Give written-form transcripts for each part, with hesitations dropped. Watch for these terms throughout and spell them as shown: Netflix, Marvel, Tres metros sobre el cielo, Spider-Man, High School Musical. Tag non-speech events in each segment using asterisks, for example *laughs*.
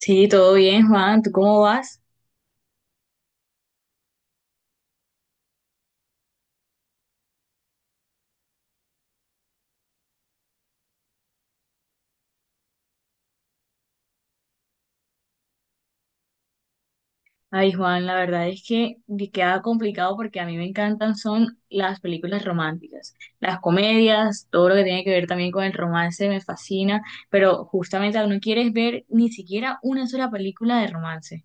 Sí, todo bien, Juan. ¿Tú cómo vas? Ay, Juan, la verdad es que me queda complicado porque a mí me encantan son las películas románticas, las comedias, todo lo que tiene que ver también con el romance me fascina, pero justamente no quieres ver ni siquiera una sola película de romance.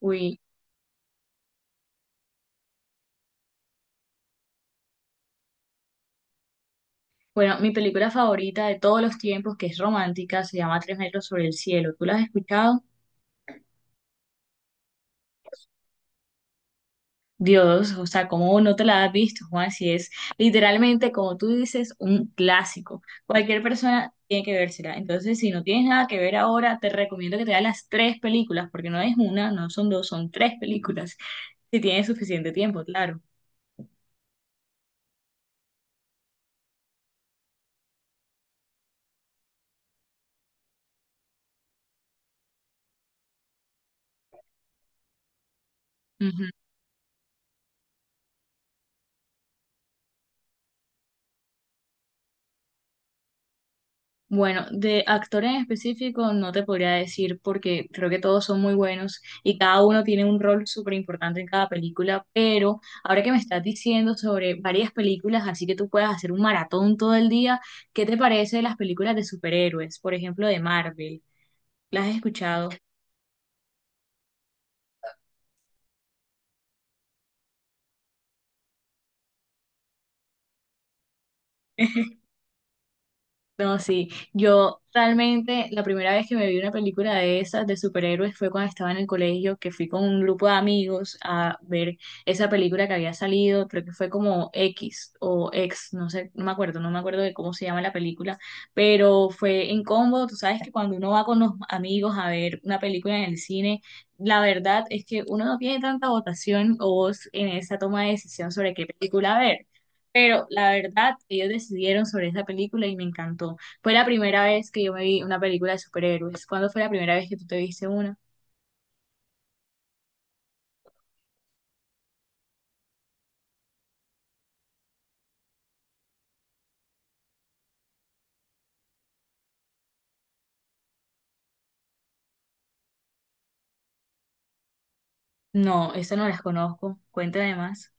Uy, bueno, mi película favorita de todos los tiempos, que es romántica, se llama Tres metros sobre el cielo. ¿Tú la has escuchado? Dios, o sea, ¿cómo no te la has visto, Juan? Si es literalmente, como tú dices, un clásico. Cualquier persona tiene que vérsela. Entonces, si no tienes nada que ver ahora, te recomiendo que te veas las tres películas, porque no es una, no son dos, son tres películas, si tienes suficiente tiempo, claro. Bueno, de actor en específico no te podría decir porque creo que todos son muy buenos y cada uno tiene un rol súper importante en cada película, pero ahora que me estás diciendo sobre varias películas, así que tú puedas hacer un maratón todo el día, ¿qué te parece de las películas de superhéroes? Por ejemplo, de Marvel. ¿Las has escuchado? *laughs* No, sí, yo realmente la primera vez que me vi una película de esas de superhéroes fue cuando estaba en el colegio, que fui con un grupo de amigos a ver esa película que había salido, creo que fue como X o X, no sé, no me acuerdo, no me acuerdo de cómo se llama la película, pero fue en combo, tú sabes que cuando uno va con los amigos a ver una película en el cine, la verdad es que uno no tiene tanta votación o voz en esa toma de decisión sobre qué película ver. Pero la verdad, ellos decidieron sobre esa película y me encantó. Fue la primera vez que yo me vi una película de superhéroes. ¿Cuándo fue la primera vez que tú te viste una? No, esa no las conozco. Cuéntame más.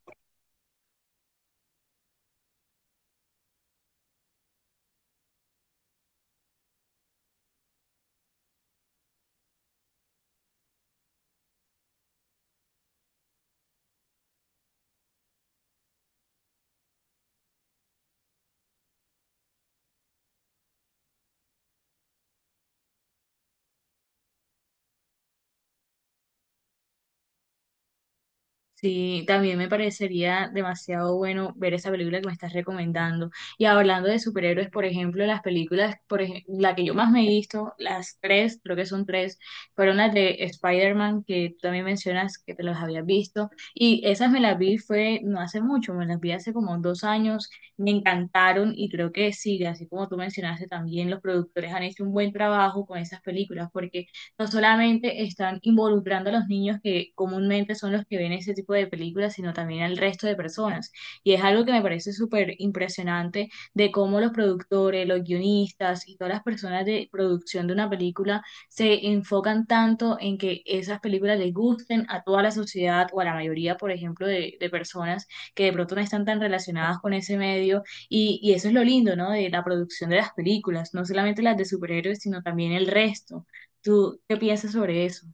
Sí, también me parecería demasiado bueno ver esa película que me estás recomendando. Y hablando de superhéroes, por ejemplo, las películas, la que yo más me he visto, las tres, creo que son tres, fueron las de Spider-Man, que tú también mencionas que te las habías visto. Y esas me las vi fue no hace mucho, me las vi hace como 2 años, me encantaron y creo que sí, así como tú mencionaste también, los productores han hecho un buen trabajo con esas películas, porque no solamente están involucrando a los niños que comúnmente son los que ven ese tipo de películas, sino también al resto de personas. Y es algo que me parece súper impresionante de cómo los productores, los guionistas y todas las personas de producción de una película se enfocan tanto en que esas películas les gusten a toda la sociedad o a la mayoría, por ejemplo, de personas que de pronto no están tan relacionadas con ese medio. Y eso es lo lindo, ¿no? De la producción de las películas, no solamente las de superhéroes, sino también el resto. ¿Tú qué piensas sobre eso?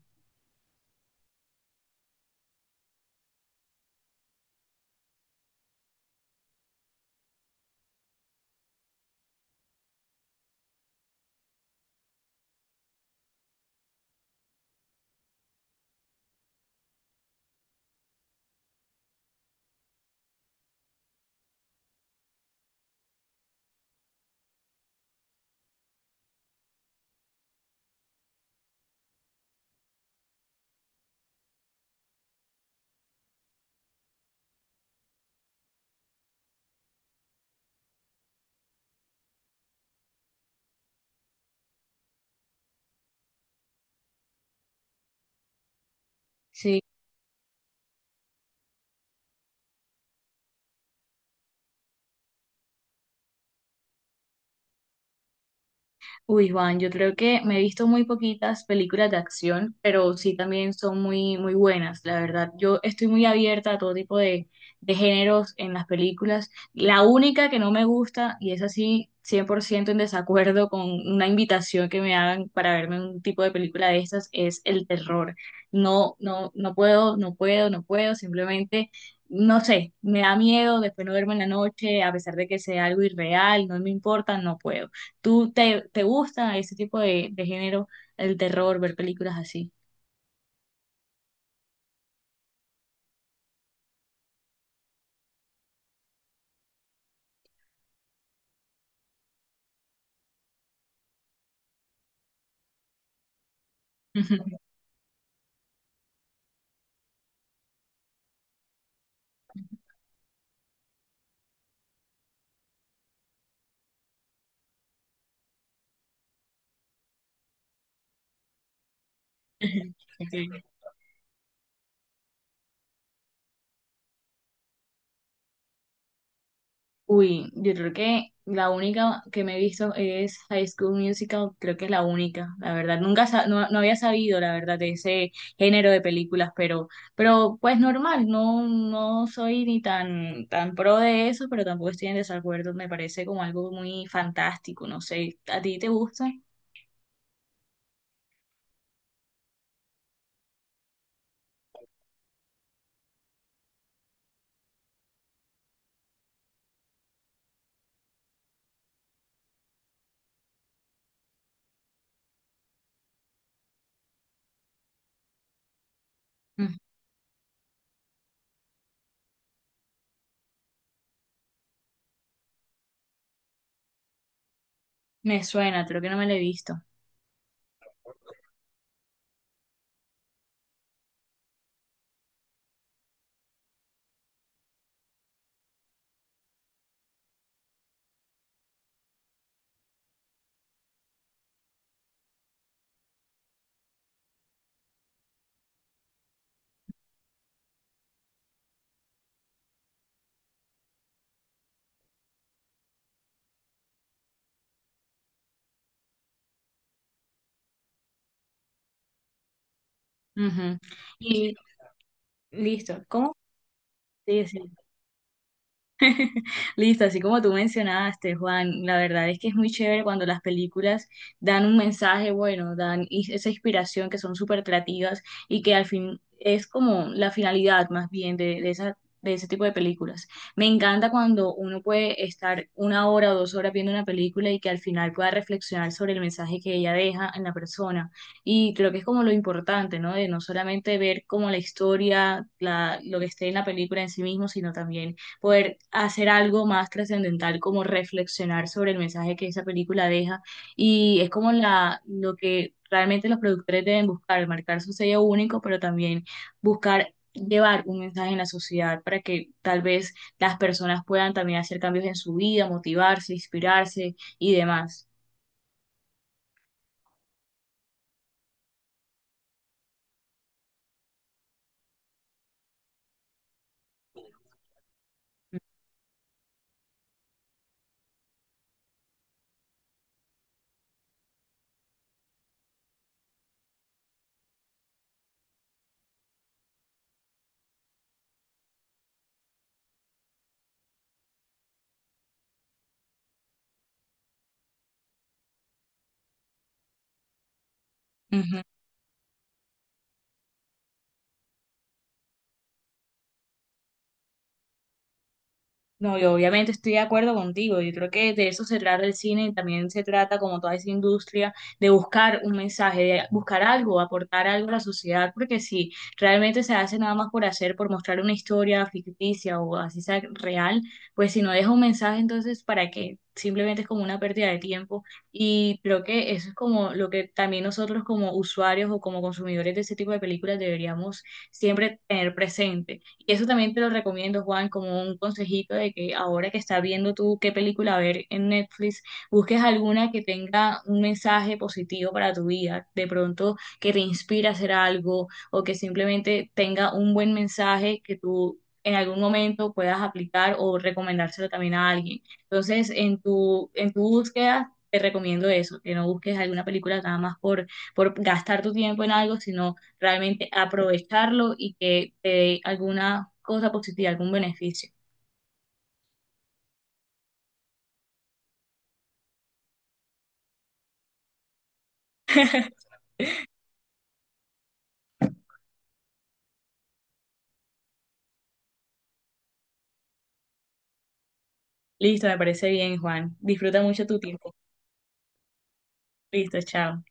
Sí. Uy, Juan, yo creo que me he visto muy poquitas películas de acción, pero sí también son muy, muy buenas, la verdad. Yo estoy muy abierta a todo tipo de géneros en las películas. La única que no me gusta, y es así 100% en desacuerdo con una invitación que me hagan para verme un tipo de película de estas, es el terror. No, no, no puedo, no puedo, no puedo, simplemente... No sé, me da miedo después no verme en la noche, a pesar de que sea algo irreal, no me importa, no puedo. ¿Tú te gusta ese tipo de género, el terror, ver películas así? *laughs* Ok. Uy, yo creo que la única que me he visto es High School Musical, creo que es la única, la verdad. Nunca sa- No, no había sabido, la verdad, de ese género de películas, pero pues normal, no, no soy ni tan pro de eso, pero tampoco estoy en desacuerdo, me parece como algo muy fantástico, no sé, ¿a ti te gusta? Mm, me suena, creo que no me lo he visto. Ujú. Y listo. ¿Cómo? Sí, sí. Listo, así como tú mencionaste, Juan, la verdad es que es muy chévere cuando las películas dan un mensaje bueno, esa inspiración que son súper creativas y que al fin es como la finalidad más bien de esa, de ese tipo de películas. Me encanta cuando uno puede estar 1 hora o 2 horas viendo una película y que al final pueda reflexionar sobre el mensaje que ella deja en la persona. Y creo que es como lo importante, ¿no? De no solamente ver como la historia, la, lo que esté en la película en sí mismo, sino también poder hacer algo más trascendental, como reflexionar sobre el mensaje que esa película deja. Y es como la, lo que realmente los productores deben buscar, marcar su sello único, pero también buscar llevar un mensaje en la sociedad para que tal vez las personas puedan también hacer cambios en su vida, motivarse, inspirarse y demás. No, yo obviamente estoy de acuerdo contigo. Yo creo que de eso se trata el cine y también se trata, como toda esa industria, de buscar un mensaje, de buscar algo, aportar algo a la sociedad, porque si realmente se hace nada más por hacer, por mostrar una historia ficticia o así sea real, pues si no deja un mensaje, entonces ¿para qué? Simplemente es como una pérdida de tiempo y creo que eso es como lo que también nosotros como usuarios o como consumidores de ese tipo de películas deberíamos siempre tener presente y eso también te lo recomiendo, Juan, como un consejito de que ahora que estás viendo tú qué película ver en Netflix, busques alguna que tenga un mensaje positivo para tu vida, de pronto que te inspire a hacer algo o que simplemente tenga un buen mensaje que tú en algún momento puedas aplicar o recomendárselo también a alguien. Entonces, en tu búsqueda, te recomiendo eso, que no busques alguna película nada más por gastar tu tiempo en algo, sino realmente aprovecharlo y que te dé alguna cosa positiva, algún beneficio. Listo, me parece bien, Juan. Disfruta mucho tu tiempo. Listo, chao.